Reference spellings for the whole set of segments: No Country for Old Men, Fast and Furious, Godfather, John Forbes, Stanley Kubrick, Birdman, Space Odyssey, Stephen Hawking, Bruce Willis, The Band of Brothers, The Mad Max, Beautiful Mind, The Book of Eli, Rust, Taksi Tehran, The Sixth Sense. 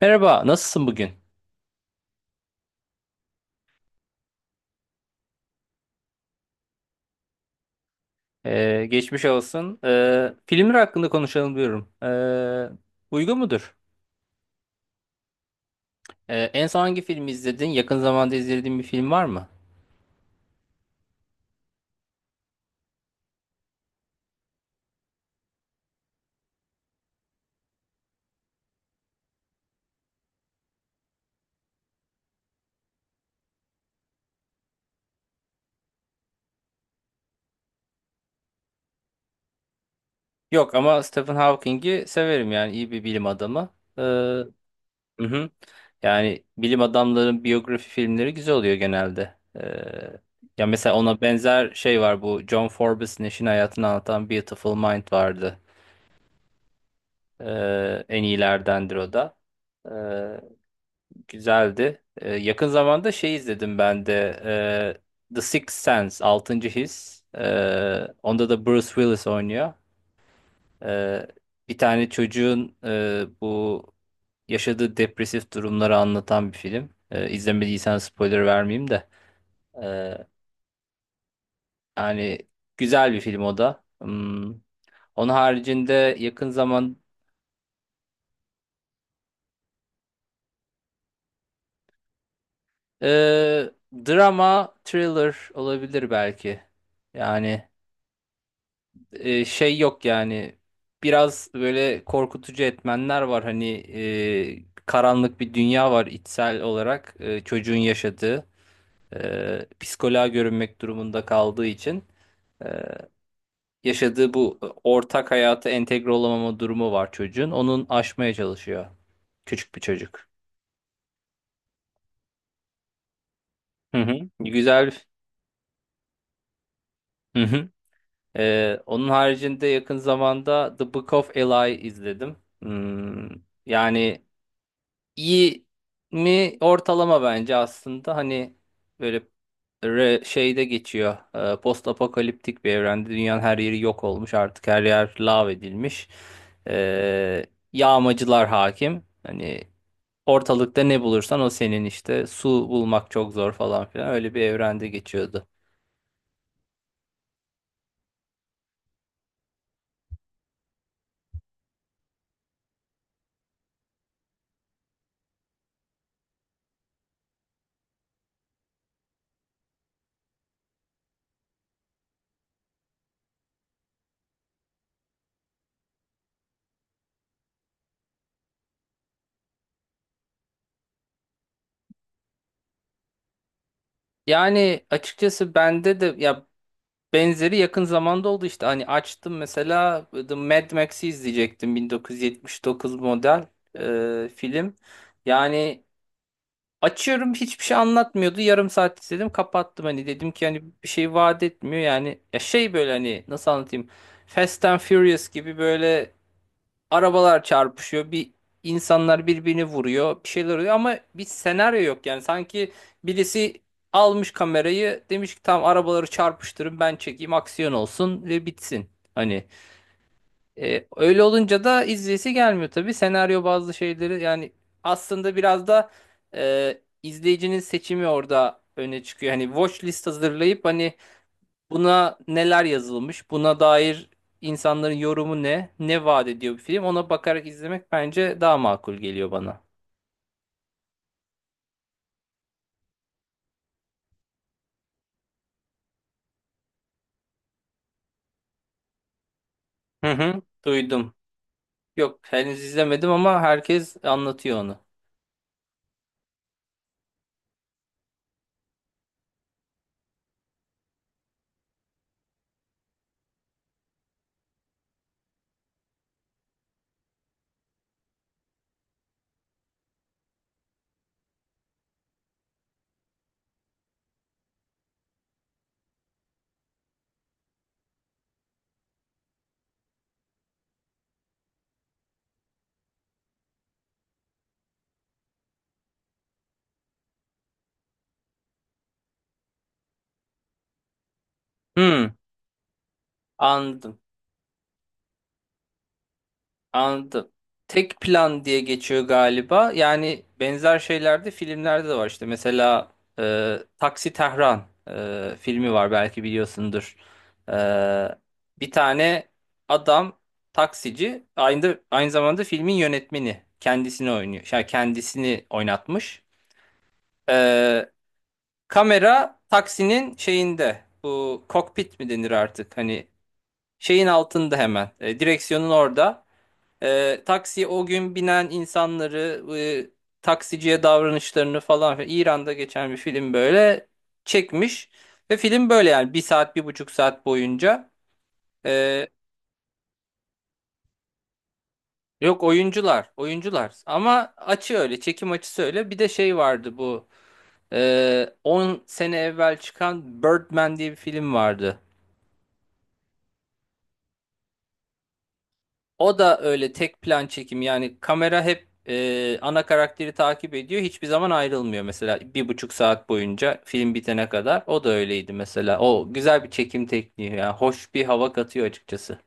Merhaba, nasılsın bugün? Geçmiş olsun. Filmler hakkında konuşalım diyorum. Uygun mudur? En son hangi filmi izledin? Yakın zamanda izlediğin bir film var mı? Yok ama Stephen Hawking'i severim, yani iyi bir bilim adamı. Hı hı. Yani bilim adamların biyografi filmleri güzel oluyor genelde. Ya mesela ona benzer şey var, bu John Forbes'in eşinin hayatını anlatan Beautiful Mind vardı. En iyilerdendir o da. Ee, Güzeldi. Yakın zamanda şey izledim ben de. The Sixth Sense, Altıncı His. Onda da Bruce Willis oynuyor. Ee, Bir tane çocuğun, bu yaşadığı depresif durumları anlatan bir film. İzlemediysen spoiler vermeyeyim de. Ee, Yani güzel bir film o da. Hmm. Onun haricinde yakın zaman, e, drama, thriller olabilir belki. Yani... şey yok yani, biraz böyle korkutucu etmenler var hani. Karanlık bir dünya var içsel olarak, çocuğun yaşadığı, psikoloğa görünmek durumunda kaldığı için e, yaşadığı bu ortak hayata entegre olamama durumu var çocuğun, onun aşmaya çalışıyor, küçük bir çocuk. Hı hı. Güzel. Hı hı. Onun haricinde yakın zamanda The Book of Eli izledim. Hmm, yani iyi mi ortalama bence aslında, hani böyle şeyde geçiyor, post apokaliptik bir evrende. Dünyanın her yeri yok olmuş artık, her yer lav edilmiş. E, Yağmacılar hakim hani, ortalıkta ne bulursan o senin, işte su bulmak çok zor falan filan, öyle bir evrende geçiyordu. Yani açıkçası bende de ya, benzeri yakın zamanda oldu işte. Hani açtım mesela The Mad Max'i izleyecektim. 1979 model film. Yani açıyorum, hiçbir şey anlatmıyordu. Yarım saat izledim, kapattım. Hani dedim ki hani bir şey vaat etmiyor. Yani ya şey böyle, hani nasıl anlatayım. Fast and Furious gibi böyle arabalar çarpışıyor. Bir insanlar birbirini vuruyor. Bir şeyler oluyor ama bir senaryo yok yani. Sanki birisi almış kamerayı, demiş ki tamam arabaları çarpıştırın, ben çekeyim aksiyon olsun ve bitsin. Hani öyle olunca da izleyesi gelmiyor tabii. Senaryo bazı şeyleri, yani aslında biraz da e, izleyicinin seçimi orada öne çıkıyor. Hani watch list hazırlayıp hani, buna neler yazılmış? Buna dair insanların yorumu ne? Ne vaat ediyor bir film? Ona bakarak izlemek bence daha makul geliyor bana. Hı hı, duydum. Yok, henüz izlemedim ama herkes anlatıyor onu. Hı, anladım. Anladım. Tek plan diye geçiyor galiba. Yani benzer şeyler de filmlerde de var. İşte mesela Taksi Tehran filmi var, belki biliyorsundur. E, Bir tane adam, taksici, aynı zamanda filmin yönetmeni, kendisini oynuyor. Yani kendisini oynatmış. E, Kamera taksinin şeyinde. Bu kokpit mi denir artık? Hani şeyin altında hemen. Direksiyonun orada. Taksi o gün binen insanları, taksiciye davranışlarını falan filan. İran'da geçen bir film, böyle çekmiş. Ve film böyle yani, bir saat, 1,5 saat boyunca. E, Yok, oyuncular, oyuncular. Ama açı öyle, çekim açısı öyle. Bir de şey vardı bu. 10 sene evvel çıkan Birdman diye bir film vardı. O da öyle tek plan çekim, yani kamera hep ana karakteri takip ediyor, hiçbir zaman ayrılmıyor mesela, 1,5 saat boyunca film bitene kadar, o da öyleydi mesela. O güzel bir çekim tekniği yani, hoş bir hava katıyor açıkçası.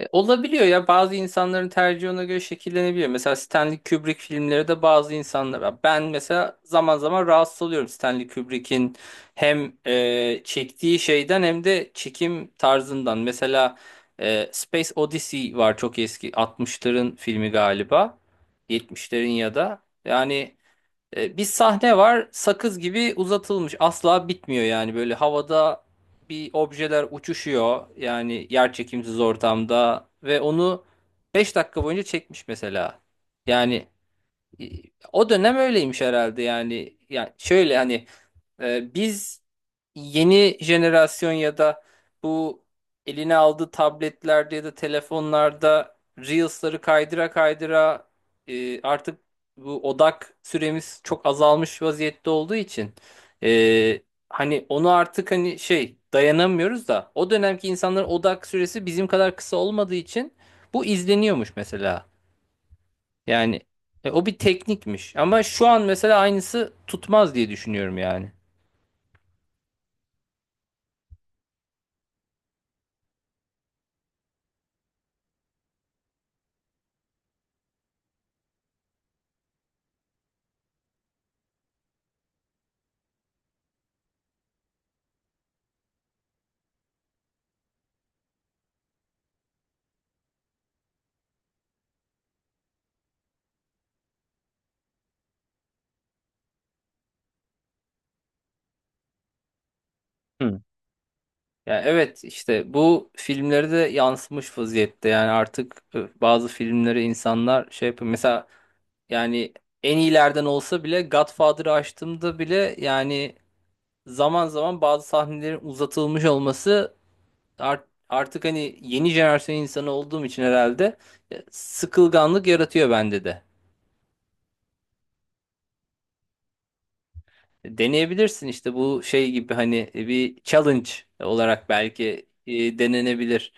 Olabiliyor ya, bazı insanların tercihi ona göre şekillenebiliyor. Mesela Stanley Kubrick filmleri de, bazı insanlar, ben mesela zaman zaman rahatsız oluyorum Stanley Kubrick'in hem çektiği şeyden hem de çekim tarzından. Mesela Space Odyssey var, çok eski, 60'ların filmi galiba, 70'lerin ya da. Yani bir sahne var, sakız gibi uzatılmış, asla bitmiyor yani. Böyle havada bir objeler uçuşuyor yani, yerçekimsiz ortamda, ve onu 5 dakika boyunca çekmiş mesela. Yani e, o dönem öyleymiş herhalde yani. Yani şöyle hani, biz yeni jenerasyon ya da bu eline aldığı tabletlerde ya da telefonlarda Reels'ları kaydıra kaydıra, artık bu odak süremiz çok azalmış vaziyette olduğu için, e, hani onu artık hani şey, dayanamıyoruz da o dönemki insanların odak süresi bizim kadar kısa olmadığı için bu izleniyormuş mesela. Yani o bir teknikmiş. Ama şu an mesela aynısı tutmaz diye düşünüyorum yani. Hı. Yani evet, işte bu filmlere de yansımış vaziyette. Yani artık bazı filmleri insanlar şey yapıyor. Mesela yani en iyilerden olsa bile Godfather'ı açtığımda bile yani, zaman zaman bazı sahnelerin uzatılmış olması, artık hani yeni jenerasyon insanı olduğum için herhalde, sıkılganlık yaratıyor bende de. Deneyebilirsin işte, bu şey gibi hani bir challenge olarak belki denenebilir.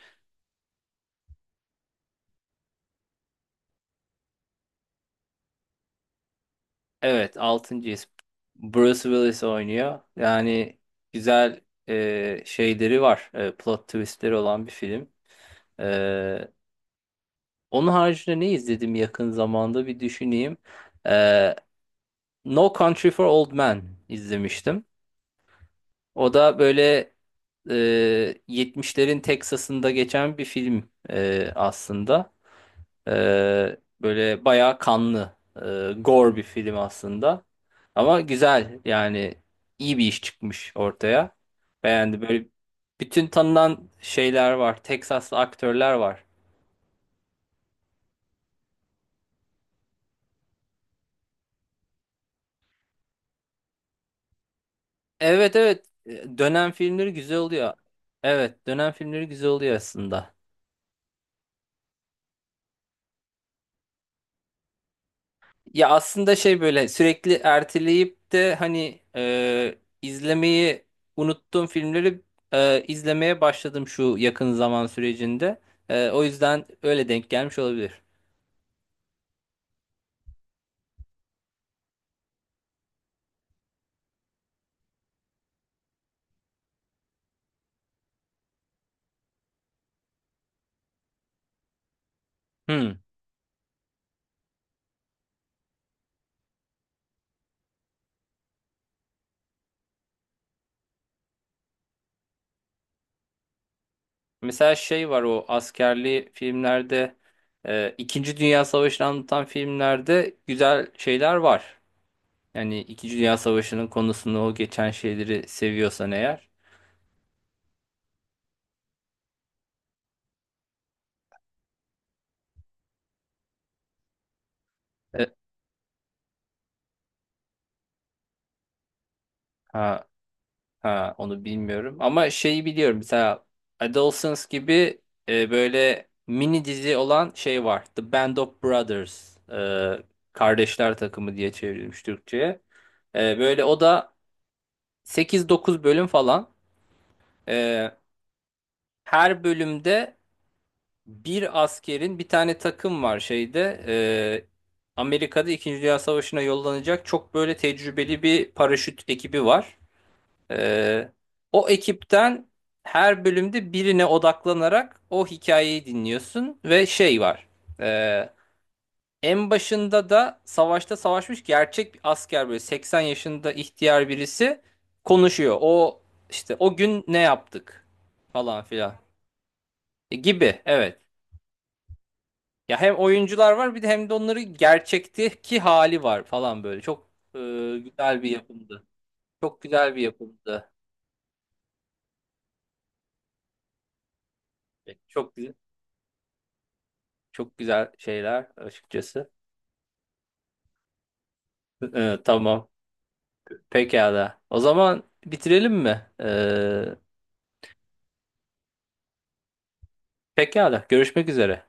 Evet, 6.'yız. Bruce Willis oynuyor. Yani güzel şeyleri var. Plot twistleri olan bir film. E, Onun haricinde ne izledim yakın zamanda, bir düşüneyim. E, No Country for Old Men izlemiştim. O da böyle 70'lerin Texas'ında geçen bir film aslında. E, Böyle bayağı kanlı, gore bir film aslında. Ama güzel yani, iyi bir iş çıkmış ortaya. Beğendi. Böyle bütün tanınan şeyler var. Texaslı aktörler var. Evet, evet. Dönem filmleri güzel oluyor. Evet, dönem filmleri güzel oluyor aslında. Ya aslında şey böyle sürekli erteleyip de hani, izlemeyi unuttuğum filmleri izlemeye başladım şu yakın zaman sürecinde. O yüzden öyle denk gelmiş olabilir. Hmm. Mesela şey var, o askerli filmlerde, İkinci Dünya Savaşı'nı anlatan filmlerde güzel şeyler var. Yani İkinci Dünya Savaşı'nın konusunu, o geçen şeyleri seviyorsan eğer. E, ha, ha, onu bilmiyorum. Ama şeyi biliyorum. Mesela Adolescence gibi, böyle mini dizi olan şey var. The Band of Brothers. Kardeşler Takımı diye çevrilmiş Türkçe'ye. Böyle o da 8-9 bölüm falan. E, Her bölümde bir askerin, bir tane takım var şeyde. Amerika'da 2. Dünya Savaşı'na yollanacak çok böyle tecrübeli bir paraşüt ekibi var. Ee, O ekipten her bölümde birine odaklanarak o hikayeyi dinliyorsun, ve şey var. Ee, En başında da savaşta savaşmış gerçek bir asker, böyle 80 yaşında ihtiyar birisi konuşuyor. O işte o gün ne yaptık falan filan gibi, evet. Ya hem oyuncular var, bir de hem de onları gerçekteki hali var falan böyle. Çok e, güzel bir yapımdı. Çok güzel bir yapımdı. Çok güzel, çok güzel şeyler açıkçası. Tamam. Pekala. O zaman bitirelim mi? Pekala. Görüşmek üzere.